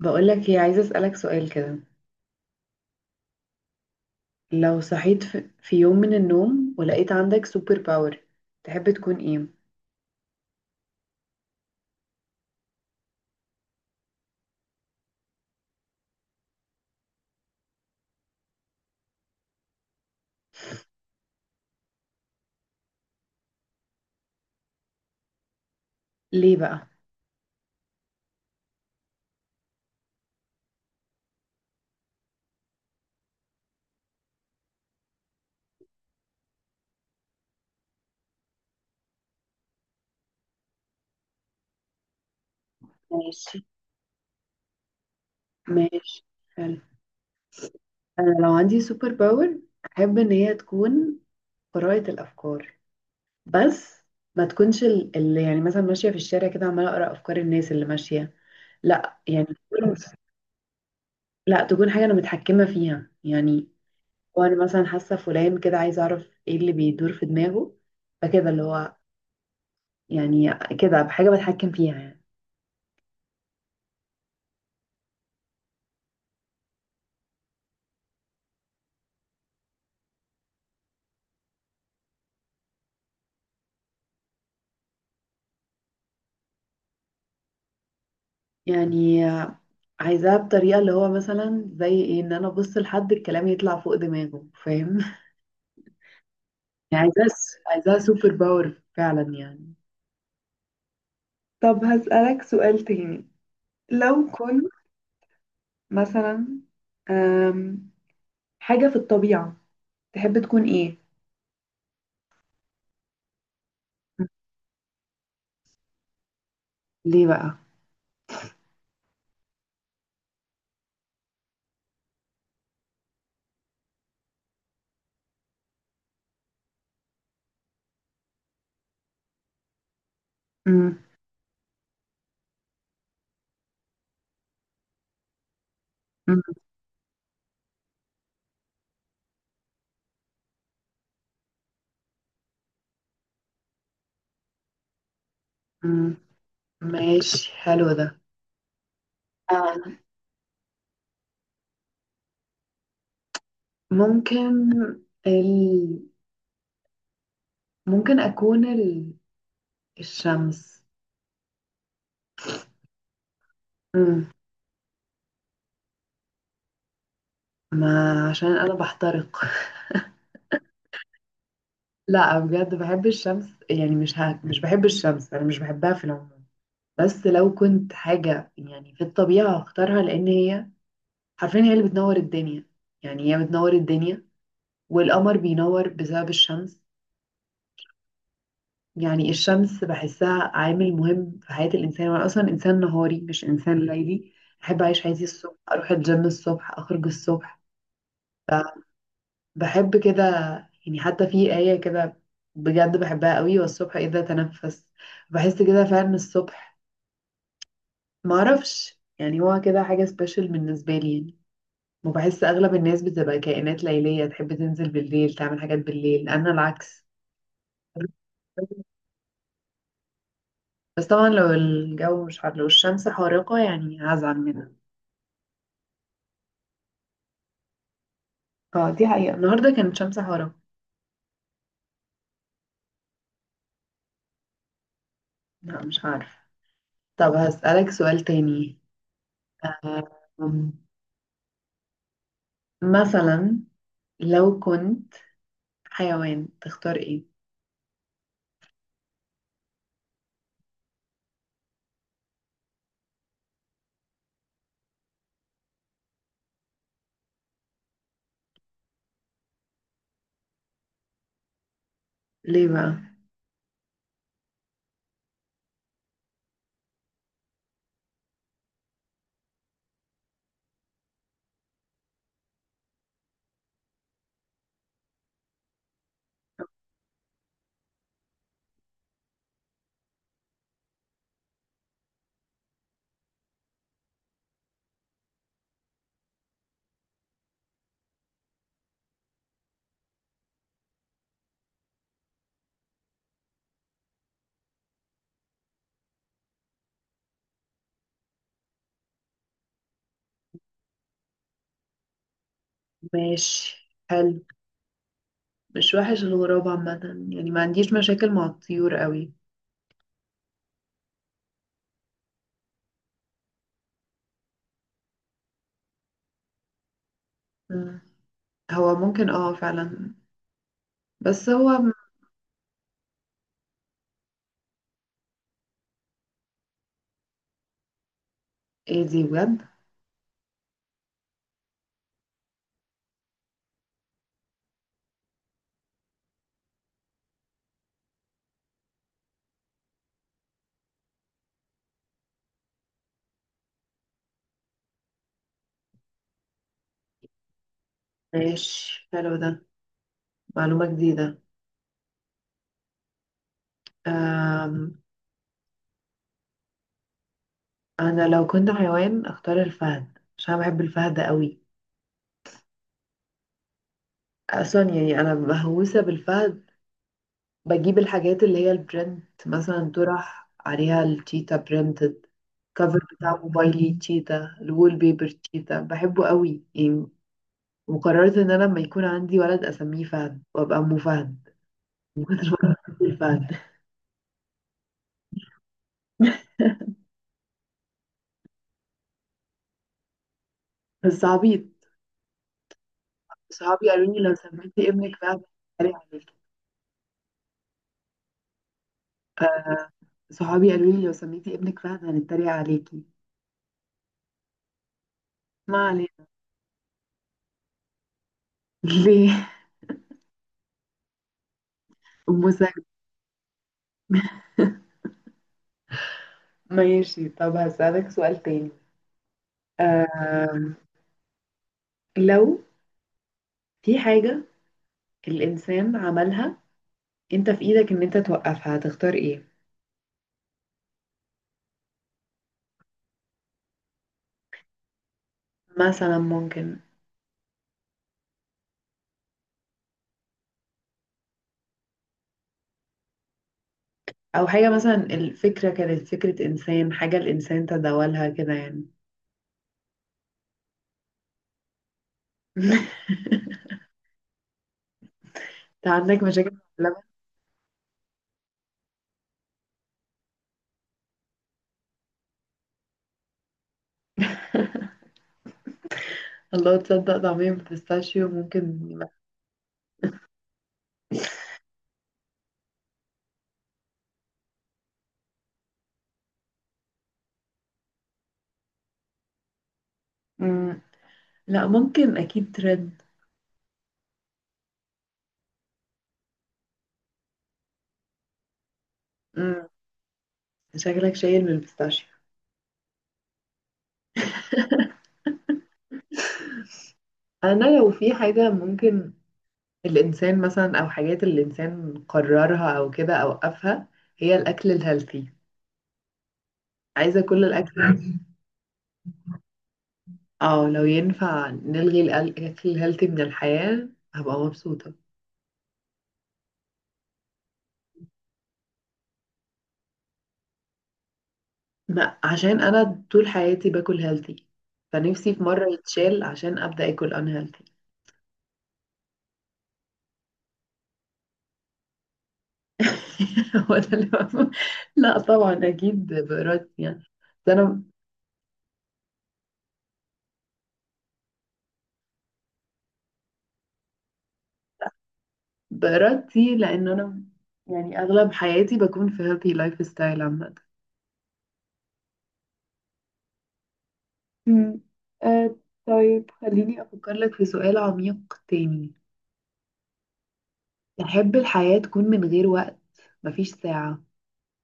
بقولك ايه، عايزة أسألك سؤال كده. لو صحيت في يوم من النوم ولقيت عندك سوبر باور، تحب تكون ايه؟ ليه بقى؟ ماشي. ماشي، حلو. انا لو عندي سوبر باور، احب ان هي تكون قراءة الافكار. بس ما تكونش اللي يعني مثلا ماشية في الشارع كده عمالة اقرأ افكار الناس اللي ماشية. لا يعني لا، تكون حاجة انا متحكمة فيها يعني. وانا مثلا حاسة فلان كده، عايزة اعرف ايه اللي بيدور في دماغه. فكده اللي هو يعني كده، بحاجة بتحكم فيها يعني. يعني عايزاها بطريقة اللي هو مثلا زي ايه، ان انا ابص لحد الكلام يطلع فوق دماغه، فاهم؟ يعني عايزاها سوبر باور فعلا يعني. طب هسألك سؤال تاني. لو كنت مثلا، أم، حاجة في الطبيعة، تحب تكون ايه؟ ليه بقى؟ مم. مم. مم. ماشي، حلو ده. آه. ممكن ال... ممكن أكون الشمس. مم. ما عشان انا بحترق. لا بجد بحب الشمس، يعني مش مش بحب الشمس، انا مش بحبها في العموم. بس لو كنت حاجة يعني في الطبيعة هختارها، لان هي حرفيا هي اللي بتنور الدنيا. يعني هي بتنور الدنيا، والقمر بينور بسبب الشمس. يعني الشمس بحسها عامل مهم في حياة الانسان، وانا اصلا انسان نهاري مش انسان ليلي. احب اعيش حياتي الصبح، اروح الجيم الصبح، اخرج الصبح. بحب كده يعني. حتى في آية كده، بجد بحبها قوي، والصبح إذا تنفس. بحس كده فعلا الصبح، معرفش يعني، هو كده حاجة سبيشال بالنسبة لي يعني. وبحس أغلب الناس بتبقى كائنات ليلية، تحب تنزل بالليل تعمل حاجات بالليل، أنا العكس. بس طبعا لو الجو مش حر، لو الشمس حارقة يعني هزعل منها. اه، دي حقيقة، النهاردة كانت شمس حارقة. لا مش عارفة. طب هسألك سؤال تاني. آم، مثلا لو كنت حيوان، تختار ايه؟ ليه بقى؟ ماشي، حلو. مش وحش الغراب عامة. يعني ما عنديش مشاكل مع الطيور قوي. مم. هو ممكن، اه فعلا. بس هو ايه دي بجد؟ ماشي، حلو ده، معلومة جديدة. أم. انا لو كنت حيوان اختار الفهد، عشان أنا بحب الفهد قوي. اصلا يعني انا مهووسة بالفهد. بجيب الحاجات اللي هي البرنت، مثلا طرح عليها التيتا برنت. الكفر بتاع موبايلي تشيتا، الوول بيبر تشيتا، بحبه قوي يعني. وقررت ان انا لما يكون عندي ولد اسميه فهد، وابقى ام فهد الفهد. بس عبيط. صحابي قالوا لي لو سميتي ابنك فهد هنتريق عليكي. صحابي قالوا لي لو سميتي ابنك فهد هنتريق عليكي. ما علينا. ليه؟ ام سعد. ماشي، طب هسألك سؤال تاني. آم، لو في حاجة الإنسان عملها، انت في ايدك ان انت توقفها، هتختار ايه؟ مثلا ممكن، او حاجة مثلا الفكرة كانت فكرة انسان، حاجة الانسان تداولها كده يعني. انت عندك مشاكل مع اللبن. الله، تصدق طعمية بالبيستاشيو ممكن يبقى. مم. لا ممكن، اكيد ترد. مم. شكلك شايل بالبيستاشيو. انا لو في حاجة ممكن الانسان مثلا، او حاجات الانسان قررها او كده اوقفها، هي الاكل الهيلثي. عايزة كل الاكل. اه، لو ينفع نلغي الاكل الهيلثي من الحياة هبقى مبسوطة. ما عشان انا طول حياتي باكل هيلثي، فنفسي في مره يتشال عشان ابدا اكل ان هيلثي. هو ده اللي بفهم. لا طبعا اكيد بارادتي يعني. بس انا بارادتي لان انا يعني اغلب حياتي بكون في هيلثي لايف ستايل عامه. أمم. آه. طيب خليني افكر لك في سؤال عميق تاني. تحب الحياه تكون من غير وقت؟ مفيش ساعه،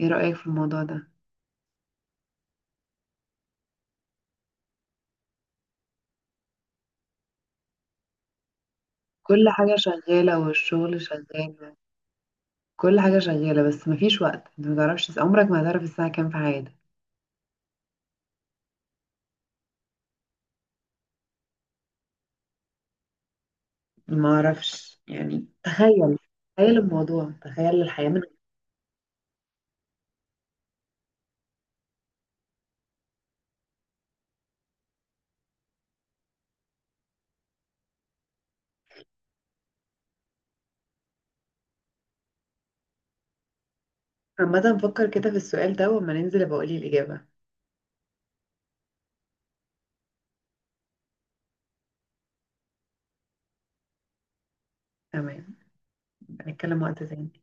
ايه رايك في الموضوع ده؟ كل حاجه شغاله، والشغل شغال. كل حاجة شغالة بس مفيش وقت، انت ما تعرفش عمرك، ما هتعرف الساعة كام في حياتك. ما اعرفش يعني، تخيل. تخيل الموضوع، تخيل الحياة من. عامة فكر كده في السؤال ده، وما ننزل ابقى اقولي الإجابة. تمام، نتكلم وقت تاني.